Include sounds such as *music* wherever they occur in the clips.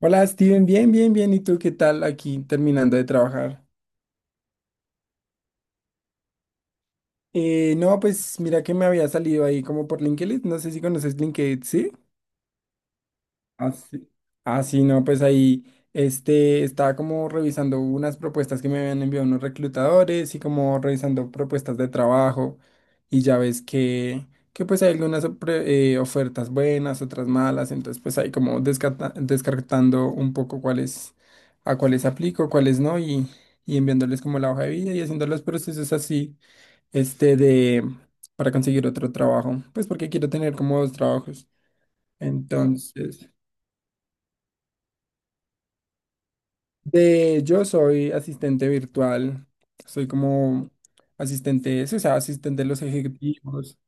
Hola Steven, bien, bien, bien. ¿Y tú qué tal aquí terminando de trabajar? No, pues mira que me había salido ahí como por LinkedIn. No sé si conoces LinkedIn, ¿sí? Ah, sí. Ah, sí, no, pues ahí estaba como revisando unas propuestas que me habían enviado unos reclutadores y como revisando propuestas de trabajo, y ya ves que pues hay algunas ofertas buenas, otras malas. Entonces pues ahí como descartando un poco cuáles a cuáles aplico, cuáles no, y enviándoles como la hoja de vida y haciendo los procesos así, este de para conseguir otro trabajo, pues porque quiero tener como dos trabajos. Entonces. Yo soy asistente virtual, soy como asistente, sí, o sea, asistente de los ejecutivos,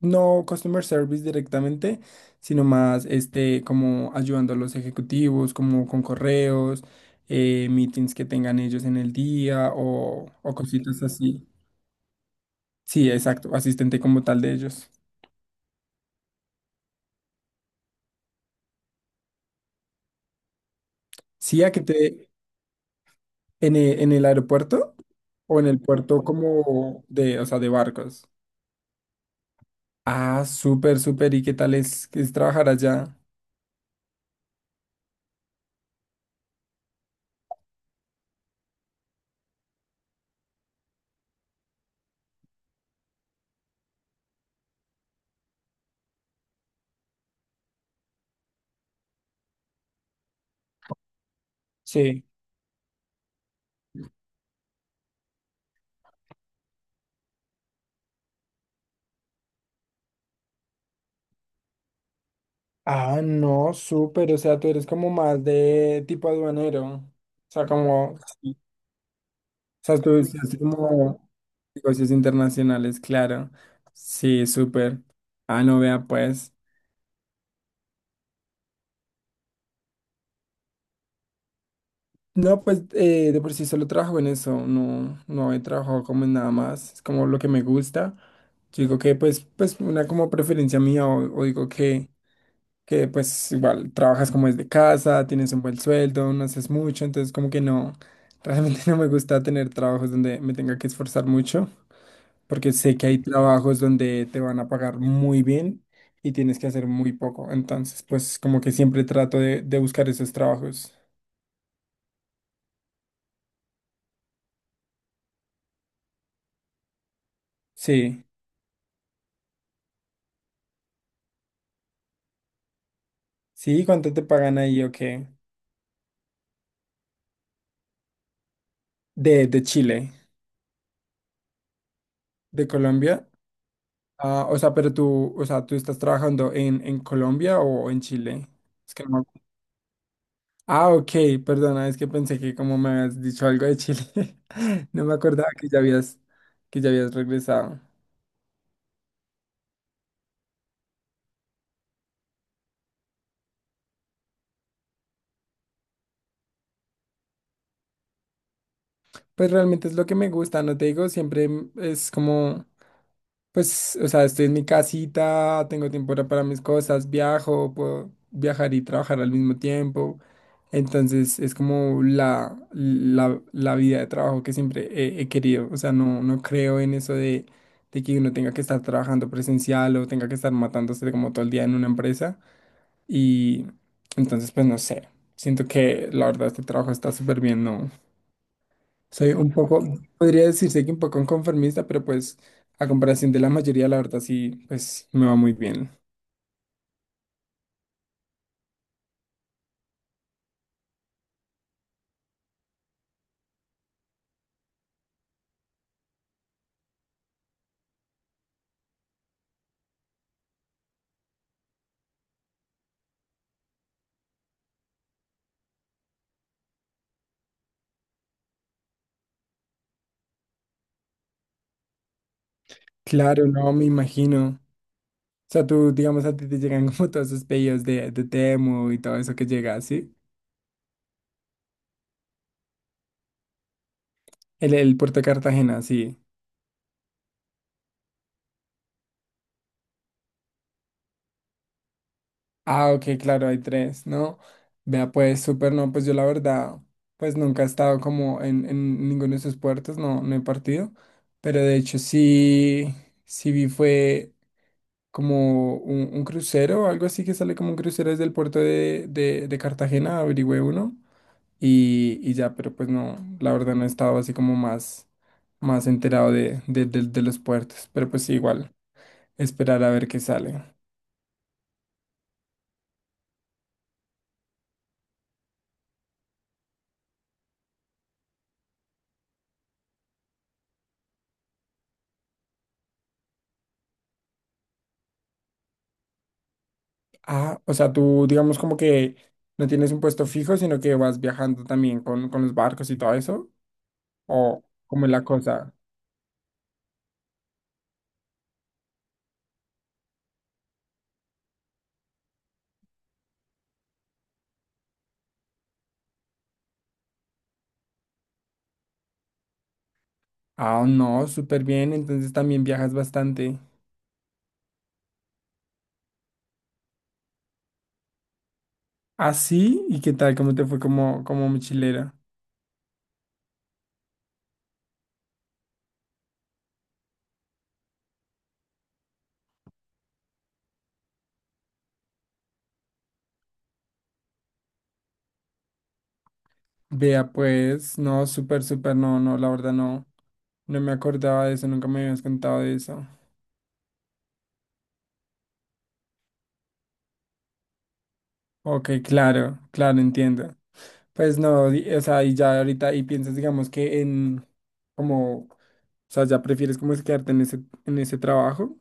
no customer service directamente, sino más como ayudando a los ejecutivos, como con correos, meetings que tengan ellos en el día o cositas así. Sí, exacto, asistente como tal de ellos. Sí, en el aeropuerto, o en el puerto como de, o sea, de barcos. Ah, súper, súper. ¿Y qué tal es trabajar allá? Sí. Ah, no, súper. O sea, tú eres como más de tipo aduanero. O sea, como. Sí. O sea, tú estás como negocios internacionales, claro. Sí, súper. Ah, no, vea, pues. No, pues de por sí solo trabajo en eso. No, no he trabajado como en nada más. Es como lo que me gusta. Yo digo que, pues una como preferencia mía, o digo que pues igual trabajas como desde casa, tienes un buen sueldo, no haces mucho, entonces como que no, realmente *laughs* no me gusta tener trabajos donde me tenga que esforzar mucho, porque sé que hay trabajos donde te van a pagar muy bien y tienes que hacer muy poco, entonces pues como que siempre trato de buscar esos trabajos. Sí, sí, ¿cuánto te pagan ahí o qué? De Chile, de Colombia. Ah, o sea, pero tú, o sea, ¿tú estás trabajando en, Colombia o en Chile? Es que no. Ah, ok, perdona, es que pensé que como me habías dicho algo de Chile, *laughs* no me acordaba que ya habías regresado. Pues realmente es lo que me gusta, no te digo, siempre es como, pues, o sea, estoy en mi casita, tengo tiempo para mis cosas, viajo, puedo viajar y trabajar al mismo tiempo. Entonces es como la vida de trabajo que siempre he querido. O sea, no, no creo en eso de que uno tenga que estar trabajando presencial o tenga que estar matándose como todo el día en una empresa. Y entonces, pues no sé, siento que la verdad este trabajo está súper bien, ¿no? Soy un poco, podría decirse que un poco conformista, pero pues a comparación de la mayoría, la verdad sí, pues me va muy bien. Claro, no me imagino. O sea, tú, digamos, a ti te llegan *laughs* como todos esos pedidos de Temu y todo eso que llega, ¿sí? El puerto de Cartagena, sí. Ah, ok, claro, hay tres, ¿no? Vea, pues súper. No, pues yo la verdad, pues nunca he estado como en, ninguno de esos puertos, no, no he partido, pero de hecho sí, sí vi fue como un crucero o algo así, que sale como un crucero desde el puerto de Cartagena, averigüé uno, y ya, pero pues no, la verdad no he estado así como más enterado de los puertos, pero pues sí, igual, esperar a ver qué sale. Ah, o sea, tú digamos como que no tienes un puesto fijo, sino que vas viajando también con los barcos y todo eso. ¿O cómo es la cosa? Ah, no, súper bien. Entonces también viajas bastante. Ah, sí. ¿Y qué tal? ¿Cómo te fue como mochilera? Vea, pues, no, súper, súper, no, no, la verdad no. No me acordaba de eso, nunca me habías contado de eso. Ok, claro, claro, entiendo. Pues no, o sea, y ya ahorita, y piensas, digamos, que en, como, o sea, ya prefieres como es quedarte en ese, trabajo,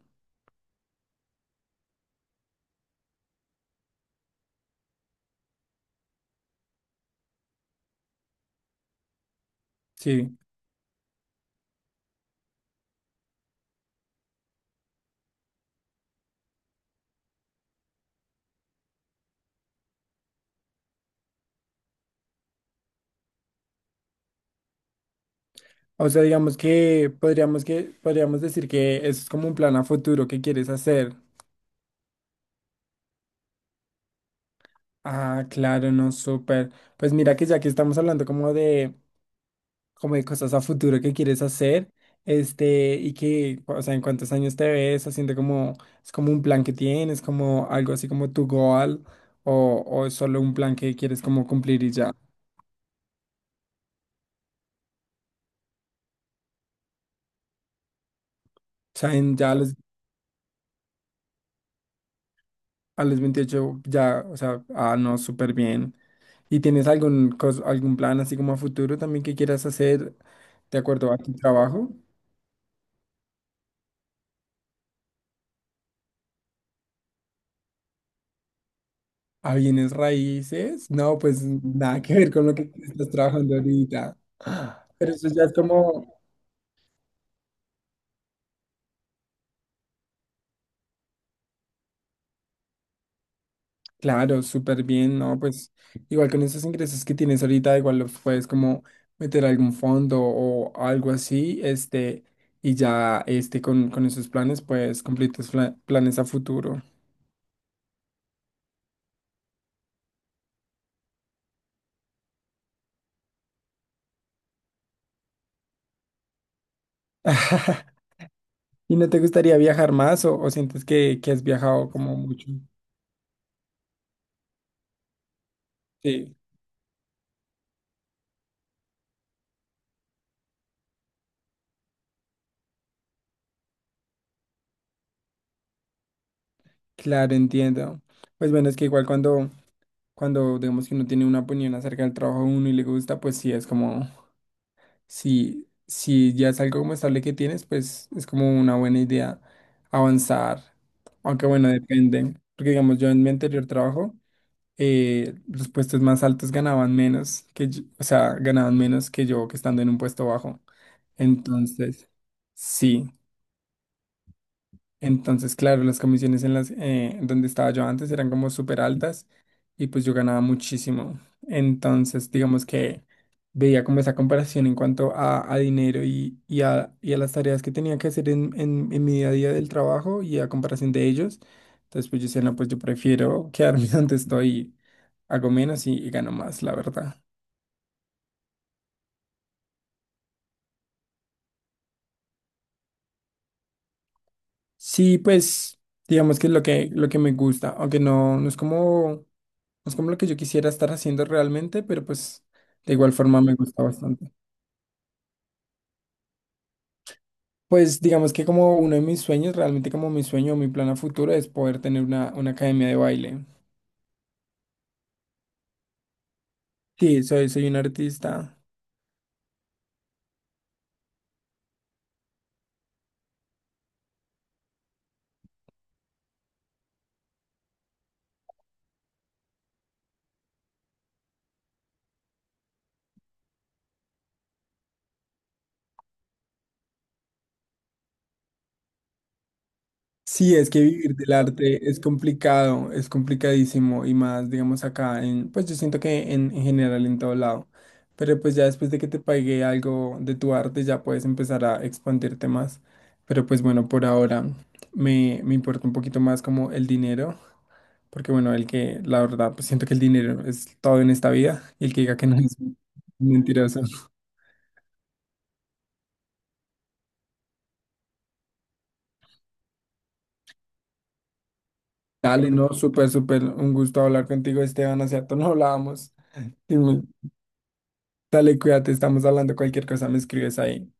sí. O sea, digamos que, podríamos decir que eso es como un plan a futuro que quieres hacer. Ah, claro, no, súper. Pues mira que ya que estamos hablando como de cosas a futuro que quieres hacer, y que, o sea, en cuántos años te ves haciendo como, es como un plan que tienes, como algo así como tu goal, o es solo un plan que quieres como cumplir y ya. O sea, ya a los 28 ya, o sea, ah, no, súper bien. ¿Y tienes algún plan así como a futuro también que quieras hacer de acuerdo a tu trabajo? ¿A bienes raíces? No, pues nada que ver con lo que estás trabajando ahorita. Pero eso ya es como. Claro, súper bien, ¿no? Pues igual con esos ingresos que tienes ahorita, igual los puedes como meter a algún fondo o algo así, y ya con esos planes, pues cumplir tus planes a futuro. *laughs* ¿Y no te gustaría viajar más o sientes que has viajado como mucho? Sí, claro, entiendo. Pues bueno, es que igual cuando digamos que uno tiene una opinión acerca del trabajo de uno y le gusta, pues sí, es como. Si, si ya es algo como estable que tienes, pues es como una buena idea avanzar. Aunque bueno, depende. Porque digamos, yo en mi anterior trabajo, los puestos más altos ganaban menos que yo, o sea, ganaban menos que yo que estando en un puesto bajo. Entonces, sí. Entonces, claro, las comisiones en las donde estaba yo antes eran como súper altas, y pues yo ganaba muchísimo. Entonces, digamos que veía como esa comparación en cuanto a dinero y a las tareas que tenía que hacer en, en mi día a día del trabajo y a comparación de ellos. Entonces, pues yo decía, no, pues yo prefiero quedarme *laughs* donde estoy, hago menos y gano más, la verdad. Sí, pues digamos que es lo que, me gusta, aunque no, no es como. Es como lo que yo quisiera estar haciendo realmente, pero pues de igual forma me gusta bastante. Pues digamos que como uno de mis sueños, realmente como mi sueño o mi plan a futuro es poder tener una, academia de baile. Sí, soy un artista. Sí, es que vivir del arte es complicado, es complicadísimo y más, digamos, acá en, pues yo siento que en general en todo lado. Pero pues ya después de que te pague algo de tu arte, ya puedes empezar a expandirte más. Pero pues bueno, por ahora me importa un poquito más como el dinero. Porque bueno, la verdad, pues siento que el dinero es todo en esta vida, y el que diga que no es mentiroso. Dale, no, súper, súper, un gusto hablar contigo, Esteban, hace cierto, no hablábamos. Dime. Dale, cuídate, estamos hablando cualquier cosa, me escribes ahí.